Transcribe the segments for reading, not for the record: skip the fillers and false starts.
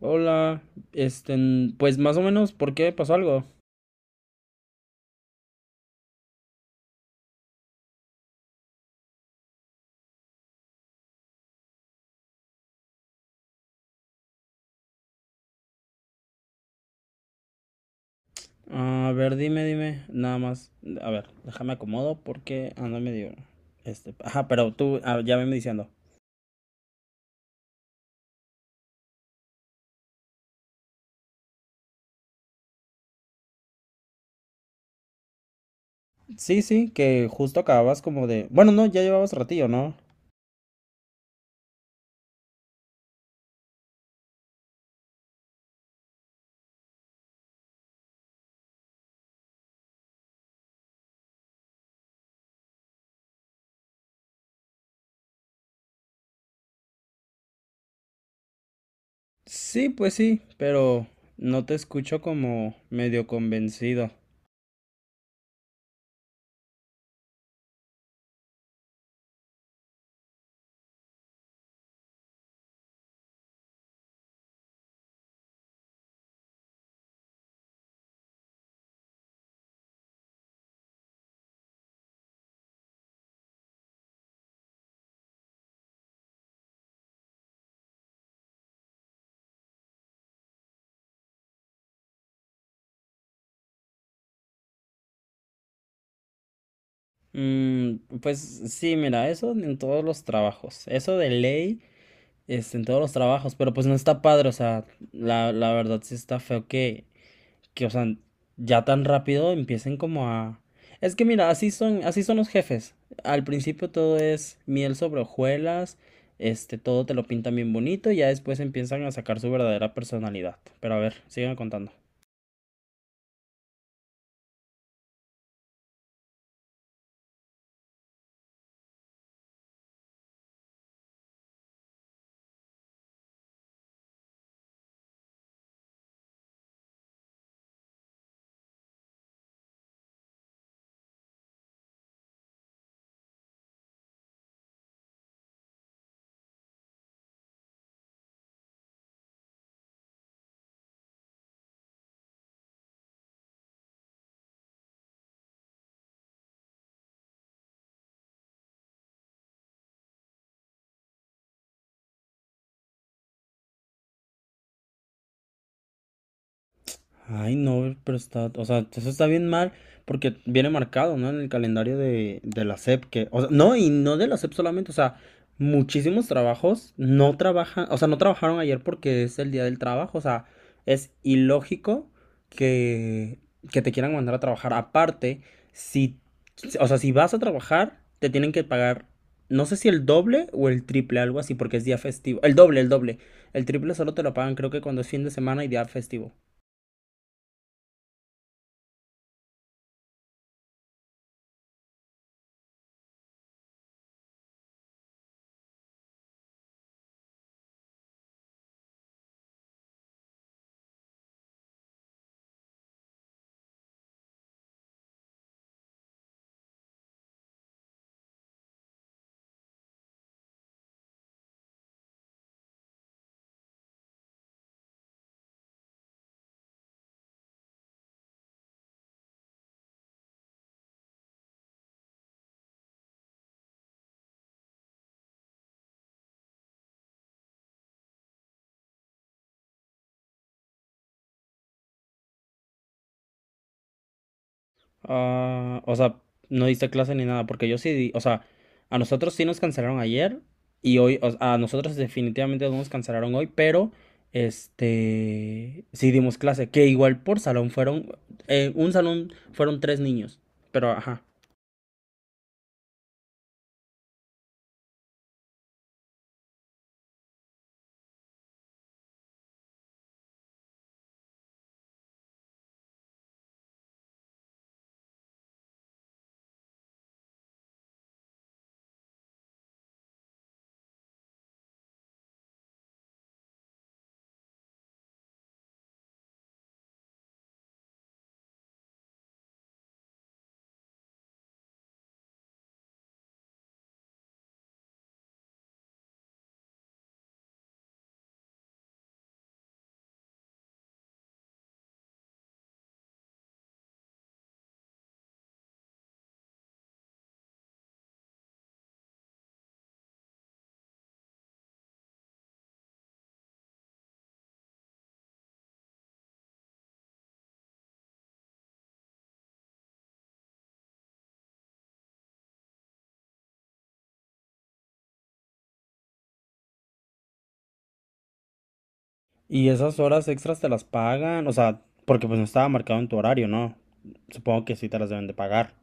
Hola, este, pues más o menos, ¿por qué pasó algo? A ver, dime, dime, nada más. A ver, déjame acomodo porque ando medio, ajá, pero tú ya venme diciendo. Sí, sí, que justo acababas como de, bueno, no, ya llevabas ratillo, ¿no? Sí, pues sí, pero no te escucho como medio convencido. Mm, pues sí, mira, eso en todos los trabajos, eso de ley, en todos los trabajos, pero pues no está padre, o sea, la verdad sí está feo que, o sea, ya tan rápido empiecen como a... Es que mira, así son los jefes. Al principio todo es miel sobre hojuelas, todo te lo pintan bien bonito y ya después empiezan a sacar su verdadera personalidad. Pero a ver, sigan contando. Ay, no, pero está, o sea, eso está bien mal porque viene marcado, ¿no? En el calendario de la SEP, que, o sea, no, y no de la SEP solamente, o sea, muchísimos trabajos no trabajan, o sea, no trabajaron ayer porque es el día del trabajo, o sea, es ilógico que, que te quieran mandar a trabajar. Aparte, si, o sea, si vas a trabajar, te tienen que pagar, no sé si el doble o el triple, algo así, porque es día festivo. El doble, el doble. El triple solo te lo pagan, creo que cuando es fin de semana y día festivo. Ah, o sea, no diste clase ni nada, porque yo sí, o sea, a nosotros sí nos cancelaron ayer y hoy, a nosotros definitivamente no nos cancelaron hoy, pero sí dimos clase, que igual por salón fueron, un salón fueron tres niños, pero ajá. Y esas horas extras te las pagan, o sea, porque pues no estaba marcado en tu horario, ¿no? Supongo que sí te las deben de pagar.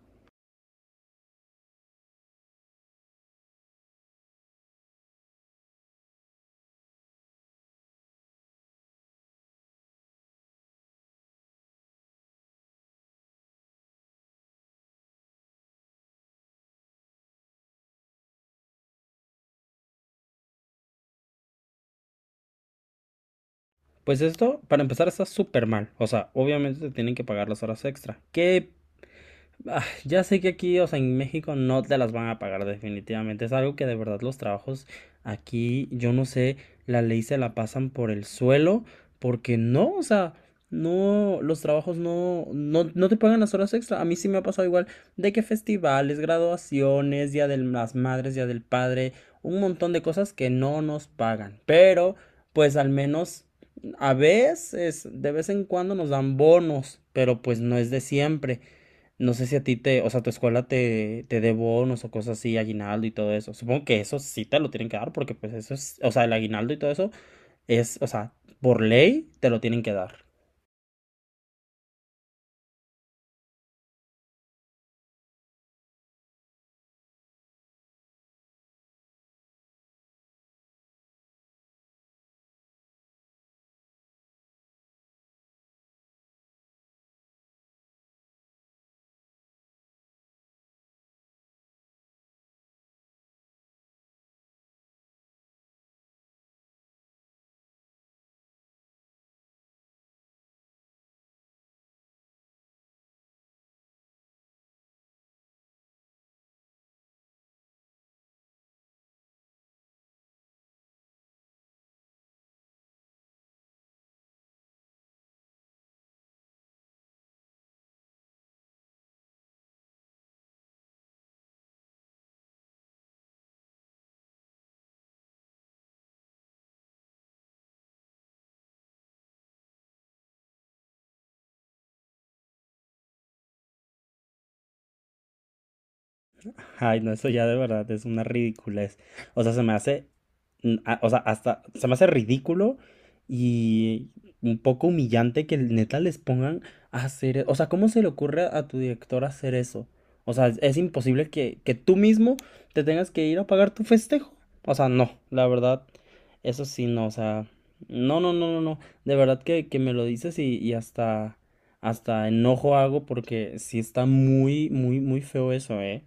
Pues esto, para empezar, está súper mal. O sea, obviamente te tienen que pagar las horas extra. Que ah, ya sé que aquí, o sea, en México no te las van a pagar definitivamente. Es algo que de verdad los trabajos aquí, yo no sé, la ley se la pasan por el suelo, porque no, o sea, no, los trabajos no, no te pagan las horas extra. A mí sí me ha pasado igual de que festivales, graduaciones, Día de las Madres, Día del Padre, un montón de cosas que no nos pagan. Pero, pues al menos a veces, de vez en cuando nos dan bonos, pero pues no es de siempre. No sé si a ti te, o sea, tu escuela te, te dé bonos o cosas así, aguinaldo y todo eso. Supongo que eso sí te lo tienen que dar porque pues eso es, o sea, el aguinaldo y todo eso es, o sea, por ley te lo tienen que dar. Ay, no, eso ya de verdad es una ridiculez. O sea, se me hace o sea, hasta se me hace ridículo y un poco humillante que neta les pongan a hacer, o sea, ¿cómo se le ocurre a tu director hacer eso? O sea, es imposible que tú mismo te tengas que ir a pagar tu festejo. O sea, no, la verdad, eso sí, no, o sea, no, no, no, no, no, de verdad que me lo dices y hasta, hasta enojo hago porque sí está muy, muy, muy feo eso, ¿eh?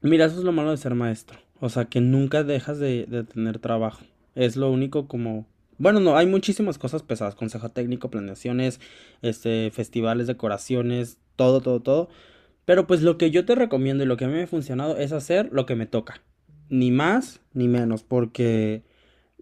Mira, eso es lo malo de ser maestro. O sea, que nunca dejas de tener trabajo. Es lo único como... Bueno, no, hay muchísimas cosas pesadas. Consejo técnico, planeaciones, festivales, decoraciones, todo, todo, todo. Pero pues lo que yo te recomiendo y lo que a mí me ha funcionado es hacer lo que me toca. Ni más ni menos, porque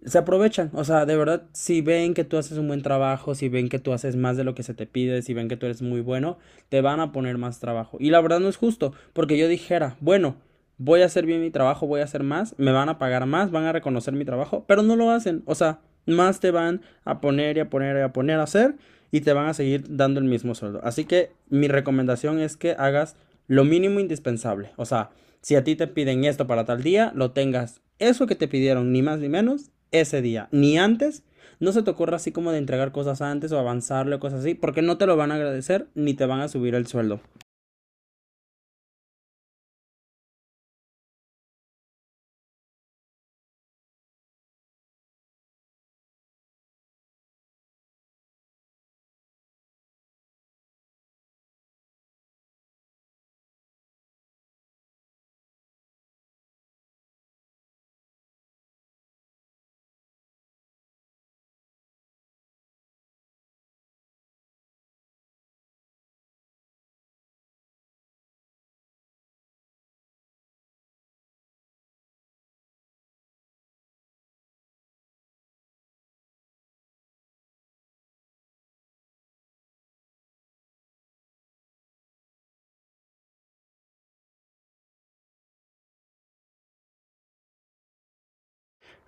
se aprovechan, o sea, de verdad, si ven que tú haces un buen trabajo, si ven que tú haces más de lo que se te pide, si ven que tú eres muy bueno, te van a poner más trabajo. Y la verdad no es justo, porque yo dijera, bueno, voy a hacer bien mi trabajo, voy a hacer más, me van a pagar más, van a reconocer mi trabajo, pero no lo hacen, o sea, más te van a poner y a poner y a poner a hacer y te van a seguir dando el mismo sueldo. Así que mi recomendación es que hagas lo mínimo indispensable, o sea, si a ti te piden esto para tal día, lo tengas eso que te pidieron, ni más ni menos, ese día, ni antes. No se te ocurra así como de entregar cosas antes o avanzarle o cosas así, porque no te lo van a agradecer ni te van a subir el sueldo.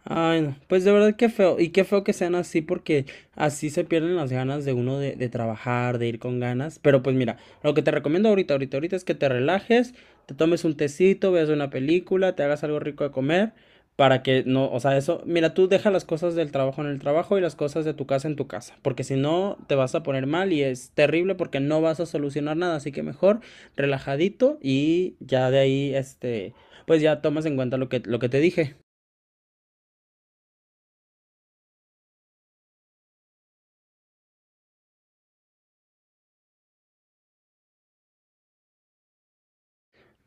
Ay, no. Pues de verdad qué feo. Y qué feo que sean así porque así se pierden las ganas de uno de trabajar, de ir con ganas. Pero pues mira, lo que te recomiendo ahorita, ahorita, ahorita es que te relajes, te tomes un tecito, veas una película, te hagas algo rico de comer para que no, o sea, eso, mira, tú deja las cosas del trabajo en el trabajo y las cosas de tu casa en tu casa, porque si no te vas a poner mal y es terrible porque no vas a solucionar nada, así que mejor relajadito y ya de ahí, pues ya tomas en cuenta lo que te dije.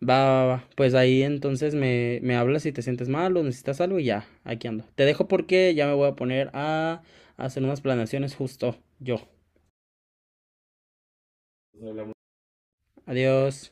Va, va, va. Pues ahí entonces me hablas si te sientes mal o necesitas algo y ya, aquí ando. Te dejo porque ya me voy a poner a hacer unas planeaciones justo yo. Adiós.